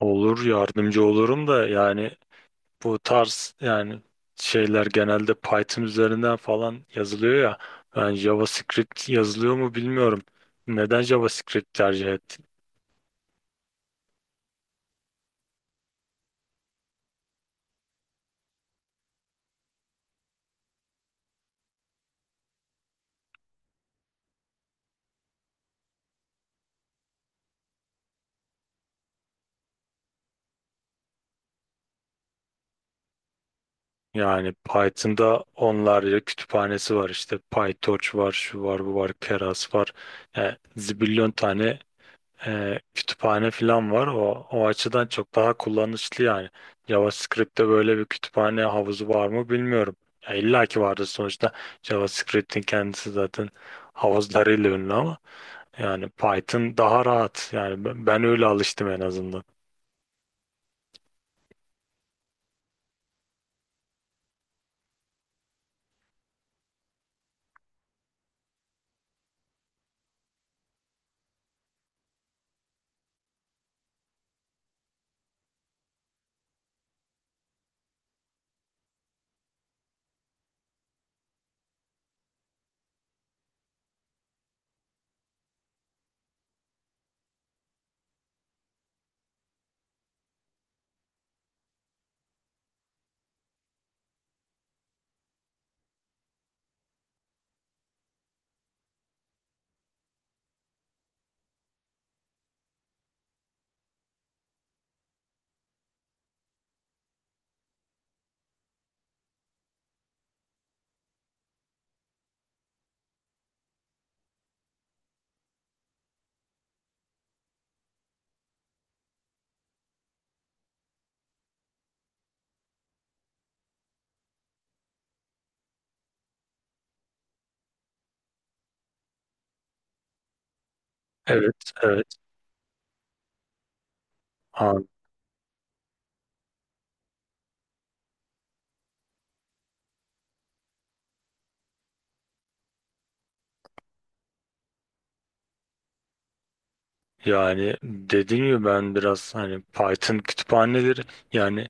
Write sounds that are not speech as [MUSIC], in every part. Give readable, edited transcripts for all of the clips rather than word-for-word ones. Olur, yardımcı olurum da yani bu tarz şeyler genelde Python üzerinden falan yazılıyor ya. Ben JavaScript yazılıyor mu bilmiyorum. Neden JavaScript tercih ettim? Yani Python'da onlarca kütüphanesi var, işte PyTorch var, şu var, bu var, Keras var. Yani zibilyon tane kütüphane falan var. O açıdan çok daha kullanışlı yani. JavaScript'te böyle bir kütüphane havuzu var mı bilmiyorum. Ya illa ki vardır sonuçta. JavaScript'in kendisi zaten havuzlarıyla ünlü ama yani Python daha rahat. Yani ben öyle alıştım en azından. Evet, evet. An- Yani dediğim gibi ben biraz hani Python kütüphaneleri yani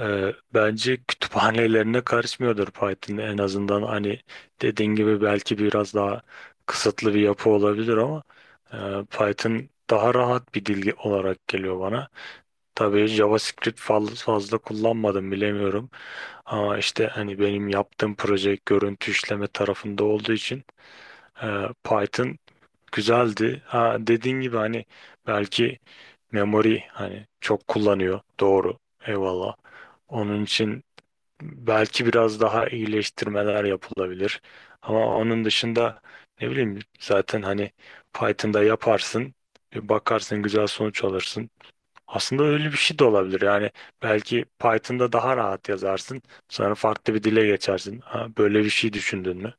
Bence kütüphanelerine karışmıyordur Python, en azından hani dediğin gibi belki biraz daha kısıtlı bir yapı olabilir ama e, Python daha rahat bir dil olarak geliyor bana. Tabii JavaScript fazla kullanmadım, bilemiyorum, ama işte hani benim yaptığım proje görüntü işleme tarafında olduğu için Python güzeldi. Ha, dediğin gibi hani belki memory hani çok kullanıyor, doğru, eyvallah. Onun için belki biraz daha iyileştirmeler yapılabilir. Ama onun dışında ne bileyim, zaten hani Python'da yaparsın, bir bakarsın güzel sonuç alırsın. Aslında öyle bir şey de olabilir. Yani belki Python'da daha rahat yazarsın, sonra farklı bir dile geçersin. Ha, böyle bir şey düşündün mü?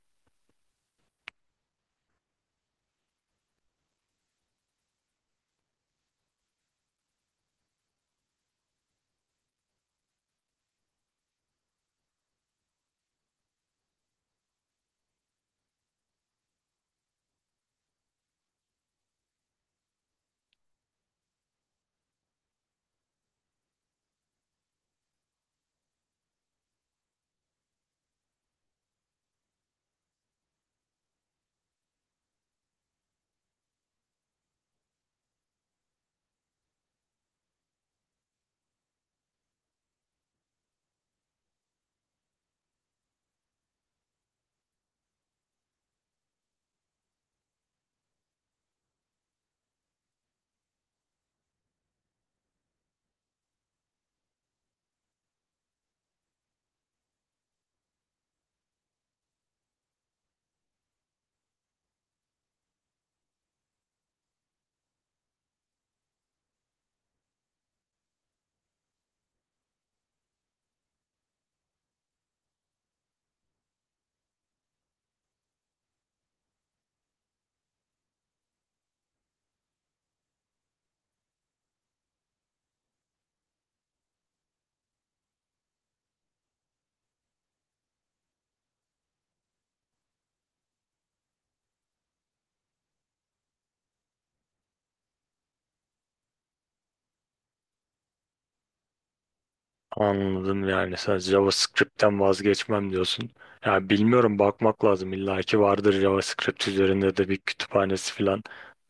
Anladım, yani sen JavaScript'ten vazgeçmem diyorsun. Ya bilmiyorum, bakmak lazım, illa ki vardır JavaScript üzerinde de bir kütüphanesi falan,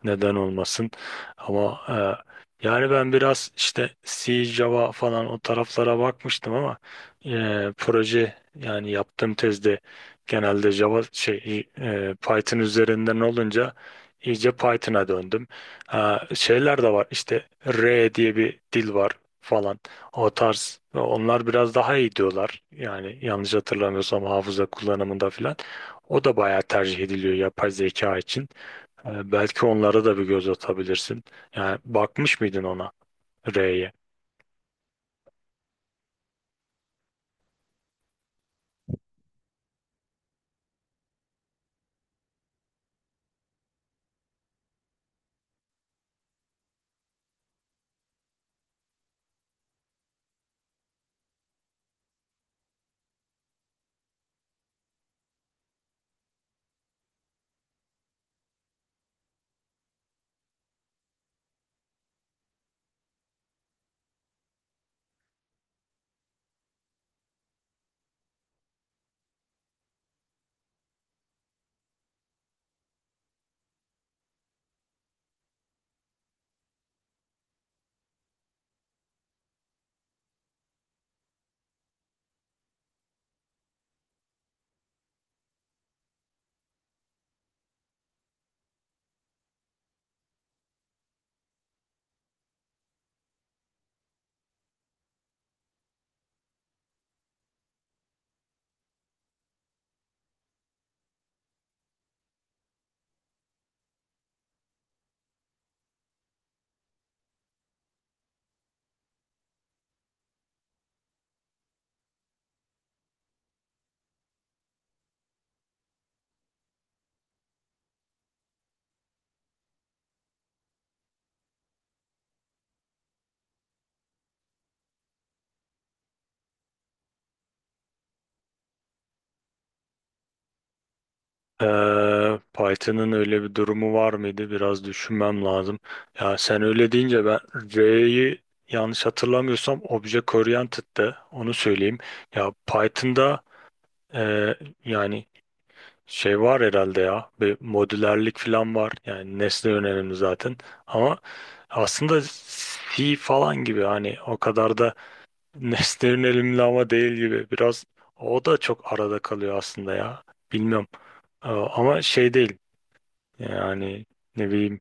neden olmasın. Ama yani ben biraz işte C, Java falan o taraflara bakmıştım ama e, proje yani yaptığım tezde genelde Java şey Python üzerinden olunca iyice Python'a döndüm. Ha, şeyler de var, işte R diye bir dil var falan. O tarz. Onlar biraz daha iyi diyorlar. Yani yanlış hatırlamıyorsam hafıza kullanımında filan. O da bayağı tercih ediliyor yapay zeka için. Belki onlara da bir göz atabilirsin. Yani bakmış mıydın ona, R'ye? Python'ın öyle bir durumu var mıydı? Biraz düşünmem lazım. Ya sen öyle deyince ben R'yi, yanlış hatırlamıyorsam, Object Oriented'dı. Onu söyleyeyim. Ya Python'da e, yani şey var herhalde ya, bir modülerlik falan var, yani nesne yönelimli zaten ama aslında C falan gibi hani o kadar da [LAUGHS] nesne yönelimli ama değil gibi biraz, o da çok arada kalıyor aslında ya, bilmiyorum. Ama şey değil yani, ne bileyim.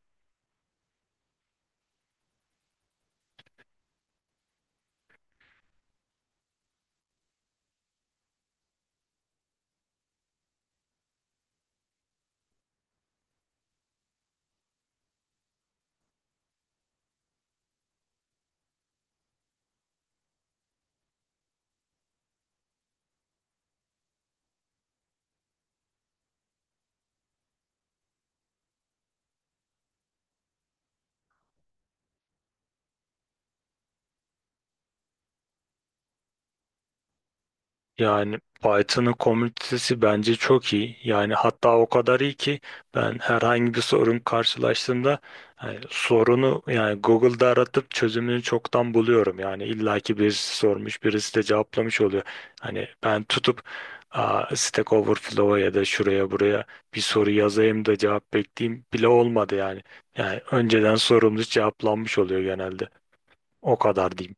Yani Python'ın komünitesi bence çok iyi. Yani hatta o kadar iyi ki ben herhangi bir sorun karşılaştığımda, yani sorunu, yani Google'da aratıp çözümünü çoktan buluyorum. Yani illaki birisi sormuş, birisi de cevaplamış oluyor. Hani ben tutup, aa, Stack Overflow'a ya da şuraya buraya bir soru yazayım da cevap bekleyeyim bile olmadı yani. Yani önceden sorumuz cevaplanmış oluyor genelde. O kadar diyeyim.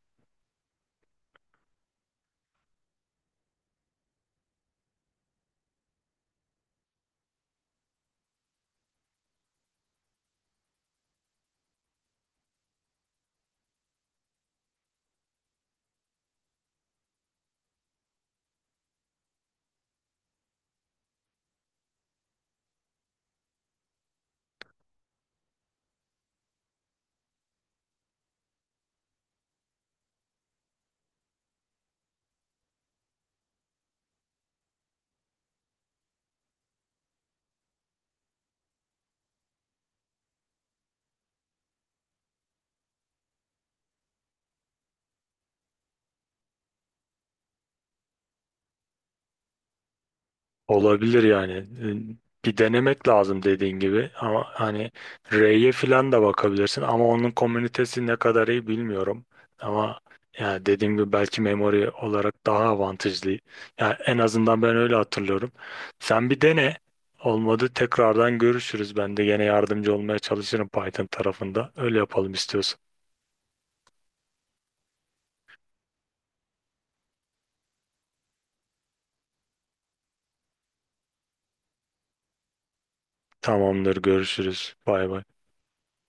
Olabilir yani. Bir denemek lazım dediğin gibi ama hani R'ye falan da bakabilirsin ama onun komünitesi ne kadar iyi bilmiyorum. Ama yani dediğim gibi belki memory olarak daha avantajlı. Yani en azından ben öyle hatırlıyorum. Sen bir dene. Olmadı tekrardan görüşürüz. Ben de gene yardımcı olmaya çalışırım Python tarafında. Öyle yapalım istiyorsan. Tamamdır, görüşürüz. Bay bay.